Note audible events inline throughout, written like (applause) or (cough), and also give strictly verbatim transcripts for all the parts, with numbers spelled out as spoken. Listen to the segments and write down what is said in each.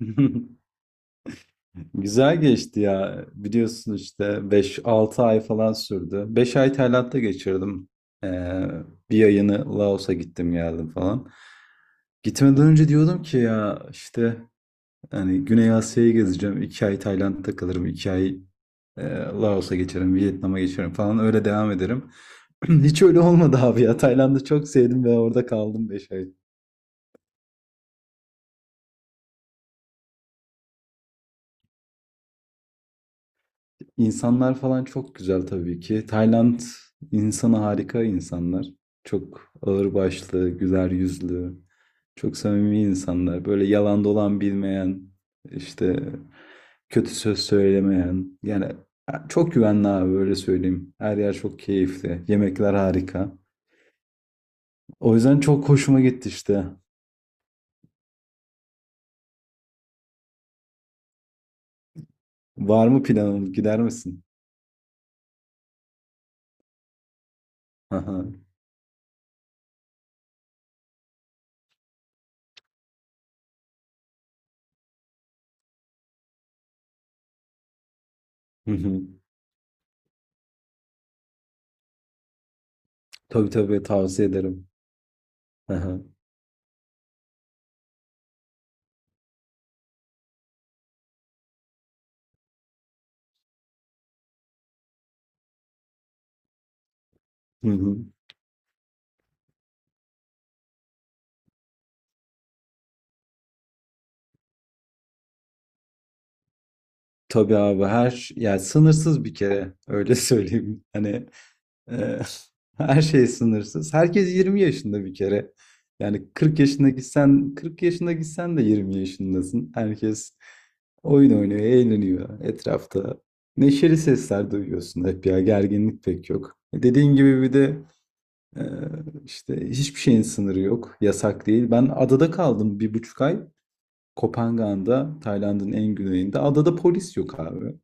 (laughs) Güzel geçti ya. Biliyorsun işte beş altı ay falan sürdü. Beş ay Tayland'da geçirdim. Ee, bir ayını Laos'a gittim geldim falan. Gitmeden önce diyordum ki ya işte hani Güney Asya'yı gezeceğim. iki ay Tayland'da kalırım. iki ay e, Laos'a geçerim. Vietnam'a geçerim falan öyle devam ederim. (clears throat) Hiç öyle olmadı abi ya. Tayland'ı çok sevdim ve orada kaldım beş ay. İnsanlar falan çok güzel tabii ki. Tayland insanı harika insanlar. Çok ağırbaşlı, güler yüzlü, çok samimi insanlar. Böyle yalan dolan bilmeyen, işte kötü söz söylemeyen. Yani e, çok güvenli abi öyle söyleyeyim. Her yer çok keyifli. Yemekler harika. O yüzden çok hoşuma gitti işte. Var mı planın? Gider misin? Aha. Hı hı. Tabii tabii tavsiye ederim. Aha. Hı hı. Tabii abi her yani sınırsız bir kere öyle (laughs) söyleyeyim. Hani e, (laughs) her şey sınırsız. Herkes yirmi yaşında bir kere. Yani kırk yaşına gitsen kırk yaşına gitsen de yirmi yaşındasın. Herkes oyun oynuyor, eğleniyor etrafta. Neşeli sesler duyuyorsun hep ya gerginlik pek yok. E, Dediğin gibi bir de e, işte hiçbir şeyin sınırı yok. Yasak değil. Ben adada kaldım bir buçuk ay. Kopangan'da, Tayland'ın en güneyinde. Adada polis yok abi.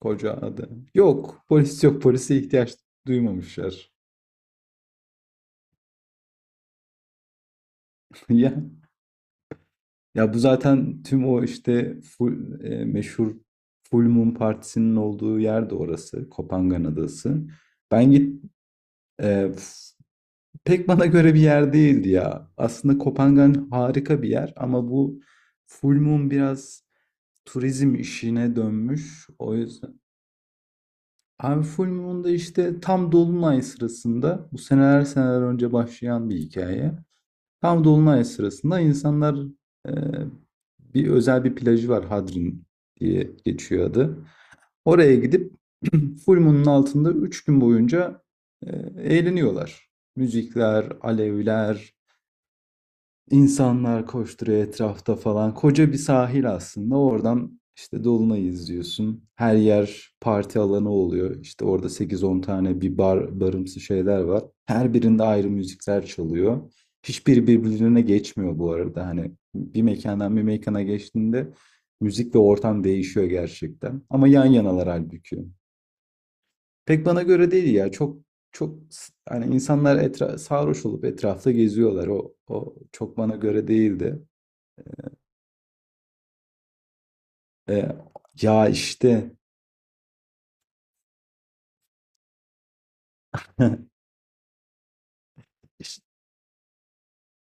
Koca adam. Yok, polis yok. Polise ihtiyaç duymamışlar. (laughs) Ya ya bu zaten tüm o işte full, e, meşhur Full Moon Partisi'nin olduğu yer de orası. Kopangan Adası. Ben git e, f- pek bana göre bir yer değildi ya. Aslında Kopangan harika bir yer ama bu Full Moon biraz turizm işine dönmüş. O yüzden. Abi Full Moon'da işte tam dolunay sırasında bu seneler seneler önce başlayan bir hikaye. Tam dolunay sırasında insanlar e, bir özel bir plajı var, Hadrin diye geçiyor adı. Oraya gidip (clears throat) (laughs) full moon'un altında üç gün boyunca e, eğleniyorlar. Müzikler, alevler. İnsanlar koşturuyor etrafta falan. Koca bir sahil aslında. Oradan işte Dolunay'ı izliyorsun. Her yer parti alanı oluyor. İşte orada sekiz on tane bir bar, barımsı şeyler var. Her birinde ayrı müzikler çalıyor. Hiçbiri birbirine geçmiyor bu arada. Hani bir mekandan bir mekana geçtiğinde müzik ve ortam değişiyor gerçekten. Ama yan yanalar halbuki. Pek bana göre değil ya. Çok çok s- hani insanlar etra sarhoş olup etrafta geziyorlar. O, o çok bana göre değildi. E, ya işte (laughs) işte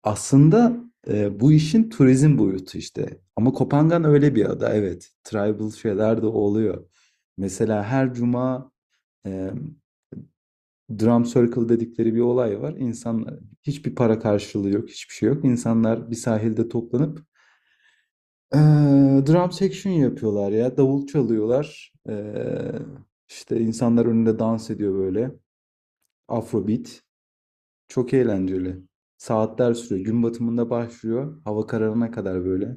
aslında e, bu işin turizm boyutu işte. Ama Kopangan öyle bir ada evet. Tribal şeyler de oluyor. Mesela her cuma e, drum circle dedikleri bir olay var. İnsanlar hiçbir para karşılığı yok, hiçbir şey yok. İnsanlar bir sahilde toplanıp e, drum section yapıyorlar ya. Davul çalıyorlar. E, işte insanlar önünde dans ediyor böyle. Afrobeat. Çok eğlenceli. Saatler sürüyor. Gün batımında başlıyor. Hava kararına kadar böyle.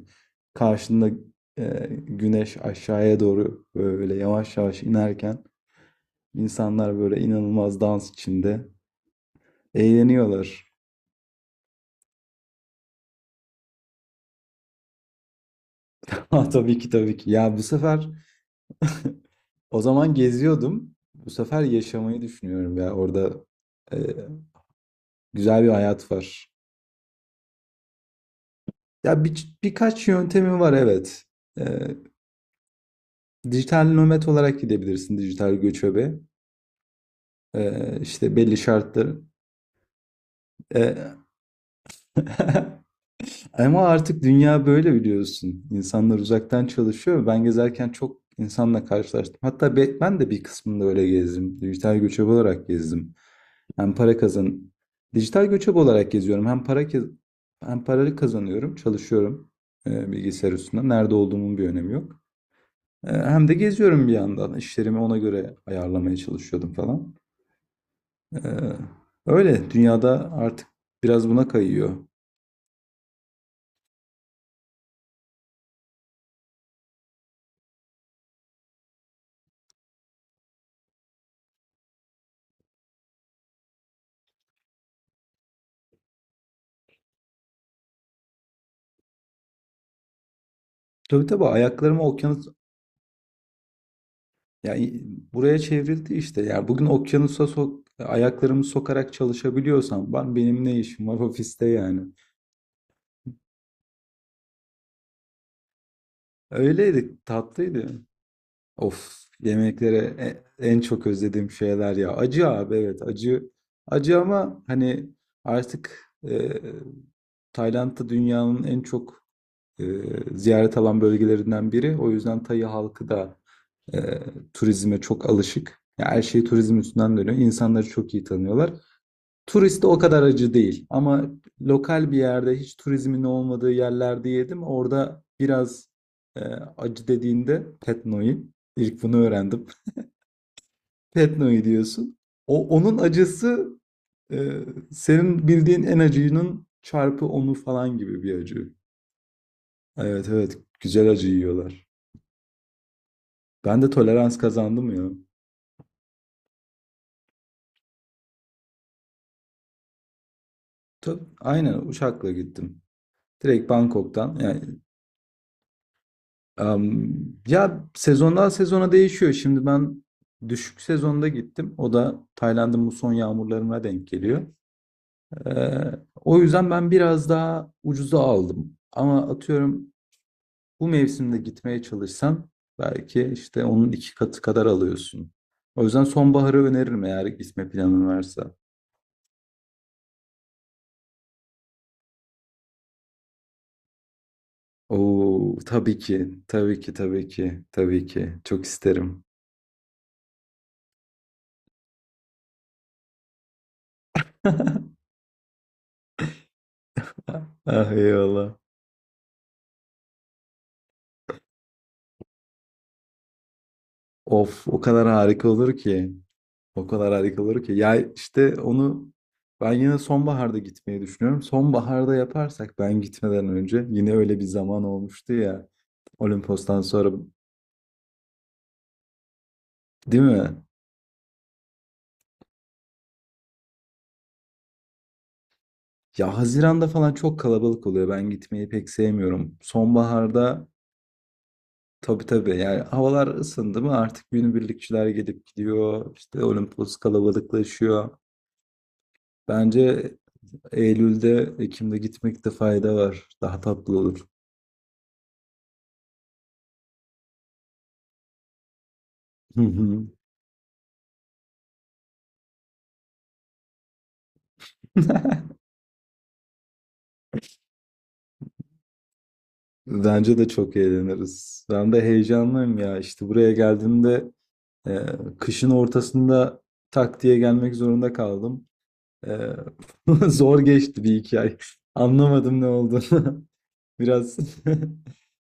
Karşında e, güneş aşağıya doğru böyle yavaş yavaş inerken insanlar böyle inanılmaz dans içinde eğleniyorlar. (laughs) Ha, tabii ki tabii ki. Ya bu sefer (laughs) o zaman geziyordum. Bu sefer yaşamayı düşünüyorum ya. Orada e, güzel bir hayat var. Ya bir, birkaç yöntemi var evet. E, dijital nomad olarak gidebilirsin, dijital göçebe. Ee, işte belli şartları. Ee, (laughs) Ama artık dünya böyle biliyorsun. İnsanlar uzaktan çalışıyor. Ben gezerken çok insanla karşılaştım. Hatta be- ben de bir kısmında öyle gezdim. Dijital göçebe olarak gezdim. Hem para kazan, dijital göçebe olarak geziyorum. Hem para kez- hem paraları kazanıyorum, çalışıyorum e, bilgisayar üstünde. Nerede olduğumun bir önemi yok. E, hem de geziyorum bir yandan. İşlerimi ona göre ayarlamaya çalışıyordum falan. Ee, öyle dünyada artık biraz buna kayıyor. Tabii tabii ayaklarımı okyanus, yani buraya çevrildi işte. Yani bugün okyanusa sok ayaklarımı sokarak çalışabiliyorsam ben benim ne işim var (laughs) ofiste yani. Öyleydi, tatlıydı. Of, yemeklere e- en çok özlediğim şeyler ya. Acı abi, evet acı. Acı ama hani artık e, Tayland'da dünyanın en çok e, ziyaret alan bölgelerinden biri. O yüzden Tayı halkı da e, turizme çok alışık, yani her şey turizm üstünden dönüyor. İnsanları çok iyi tanıyorlar. Turist de o kadar acı değil. Ama lokal bir yerde, hiç turizmin olmadığı yerlerde yedim. Orada biraz e, acı dediğinde Petno'yu ilk bunu öğrendim. (laughs) Petno'yu diyorsun. O onun acısı e, senin bildiğin en acıyının çarpı onu falan gibi bir acı. Evet evet, güzel acı yiyorlar. Ben de tolerans kazandım ya. Tabii, aynen uçakla gittim. Direkt Bangkok'tan. Yani, am, ya sezondan sezona değişiyor. Şimdi ben düşük sezonda gittim. O da Tayland'ın bu son yağmurlarına denk geliyor. Ee, o yüzden ben biraz daha ucuza aldım. Ama atıyorum bu mevsimde gitmeye çalışsan belki işte onun iki katı kadar alıyorsun. O yüzden sonbaharı öneririm eğer gitme planın varsa. Oo, tabii ki, tabii ki, tabii ki, tabii ki. Çok isterim. Ah eyvallah. Of, o kadar harika olur ki. O kadar harika olur ki. Ya işte onu ben yine sonbaharda gitmeyi düşünüyorum. Sonbaharda yaparsak, ben gitmeden önce yine öyle bir zaman olmuştu ya. Olimpos'tan sonra, değil mi? Ya Haziran'da falan çok kalabalık oluyor. Ben gitmeyi pek sevmiyorum. Sonbaharda tabii tabii, yani havalar ısındı mı artık günübirlikçiler gelip gidiyor. İşte Olimpos kalabalıklaşıyor. Bence Eylül'de, Ekim'de gitmekte fayda var. Daha tatlı olur. Hı hı. (laughs) Bence de çok eğleniriz. Ben de heyecanlıyım ya. İşte buraya geldiğimde e, kışın ortasında tak diye gelmek zorunda kaldım. E, (laughs) Zor geçti bir iki ay. Anlamadım ne oldu. (laughs) Biraz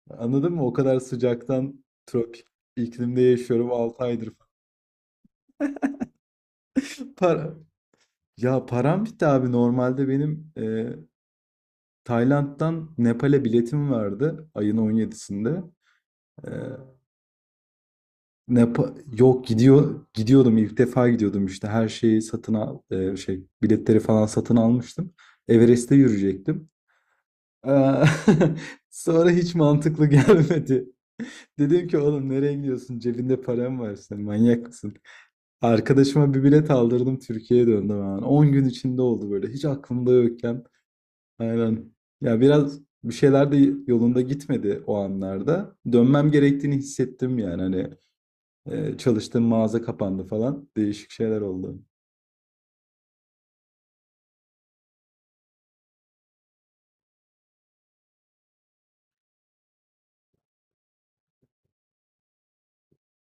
(laughs) anladın mı? O kadar sıcaktan, tropik iklimde yaşıyorum altı aydır. Para. Ya param bitti abi. Normalde benim e, Tayland'dan Nepal'e biletim vardı ayın on yedisinde. Ne yapa- Yok, gidiyor gidiyordum, ilk defa gidiyordum, işte her şeyi satın al e, şey biletleri falan satın almıştım. Everest'te yürüyecektim. Eee, (laughs) Sonra hiç mantıklı (laughs) gelmedi. Dedim ki oğlum nereye gidiyorsun? Cebinde param var, senin manyak mısın? Arkadaşıma bir bilet aldırdım, Türkiye'ye döndüm hemen. on gün içinde oldu, böyle hiç aklımda yokken. Aynen. Ya biraz bir şeyler de yolunda gitmedi o anlarda. Dönmem gerektiğini hissettim yani, hani ee, çalıştığım mağaza kapandı falan. Değişik şeyler oldu.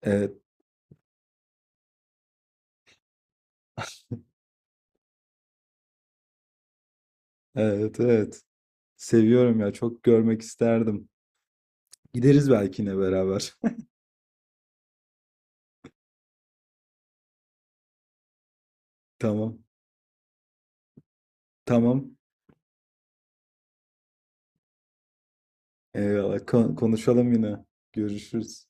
Evet, evet, evet. Seviyorum ya. Çok görmek isterdim. Gideriz belki yine beraber. (laughs) Tamam, tamam. Eyvallah. Kon- konuşalım yine. Görüşürüz.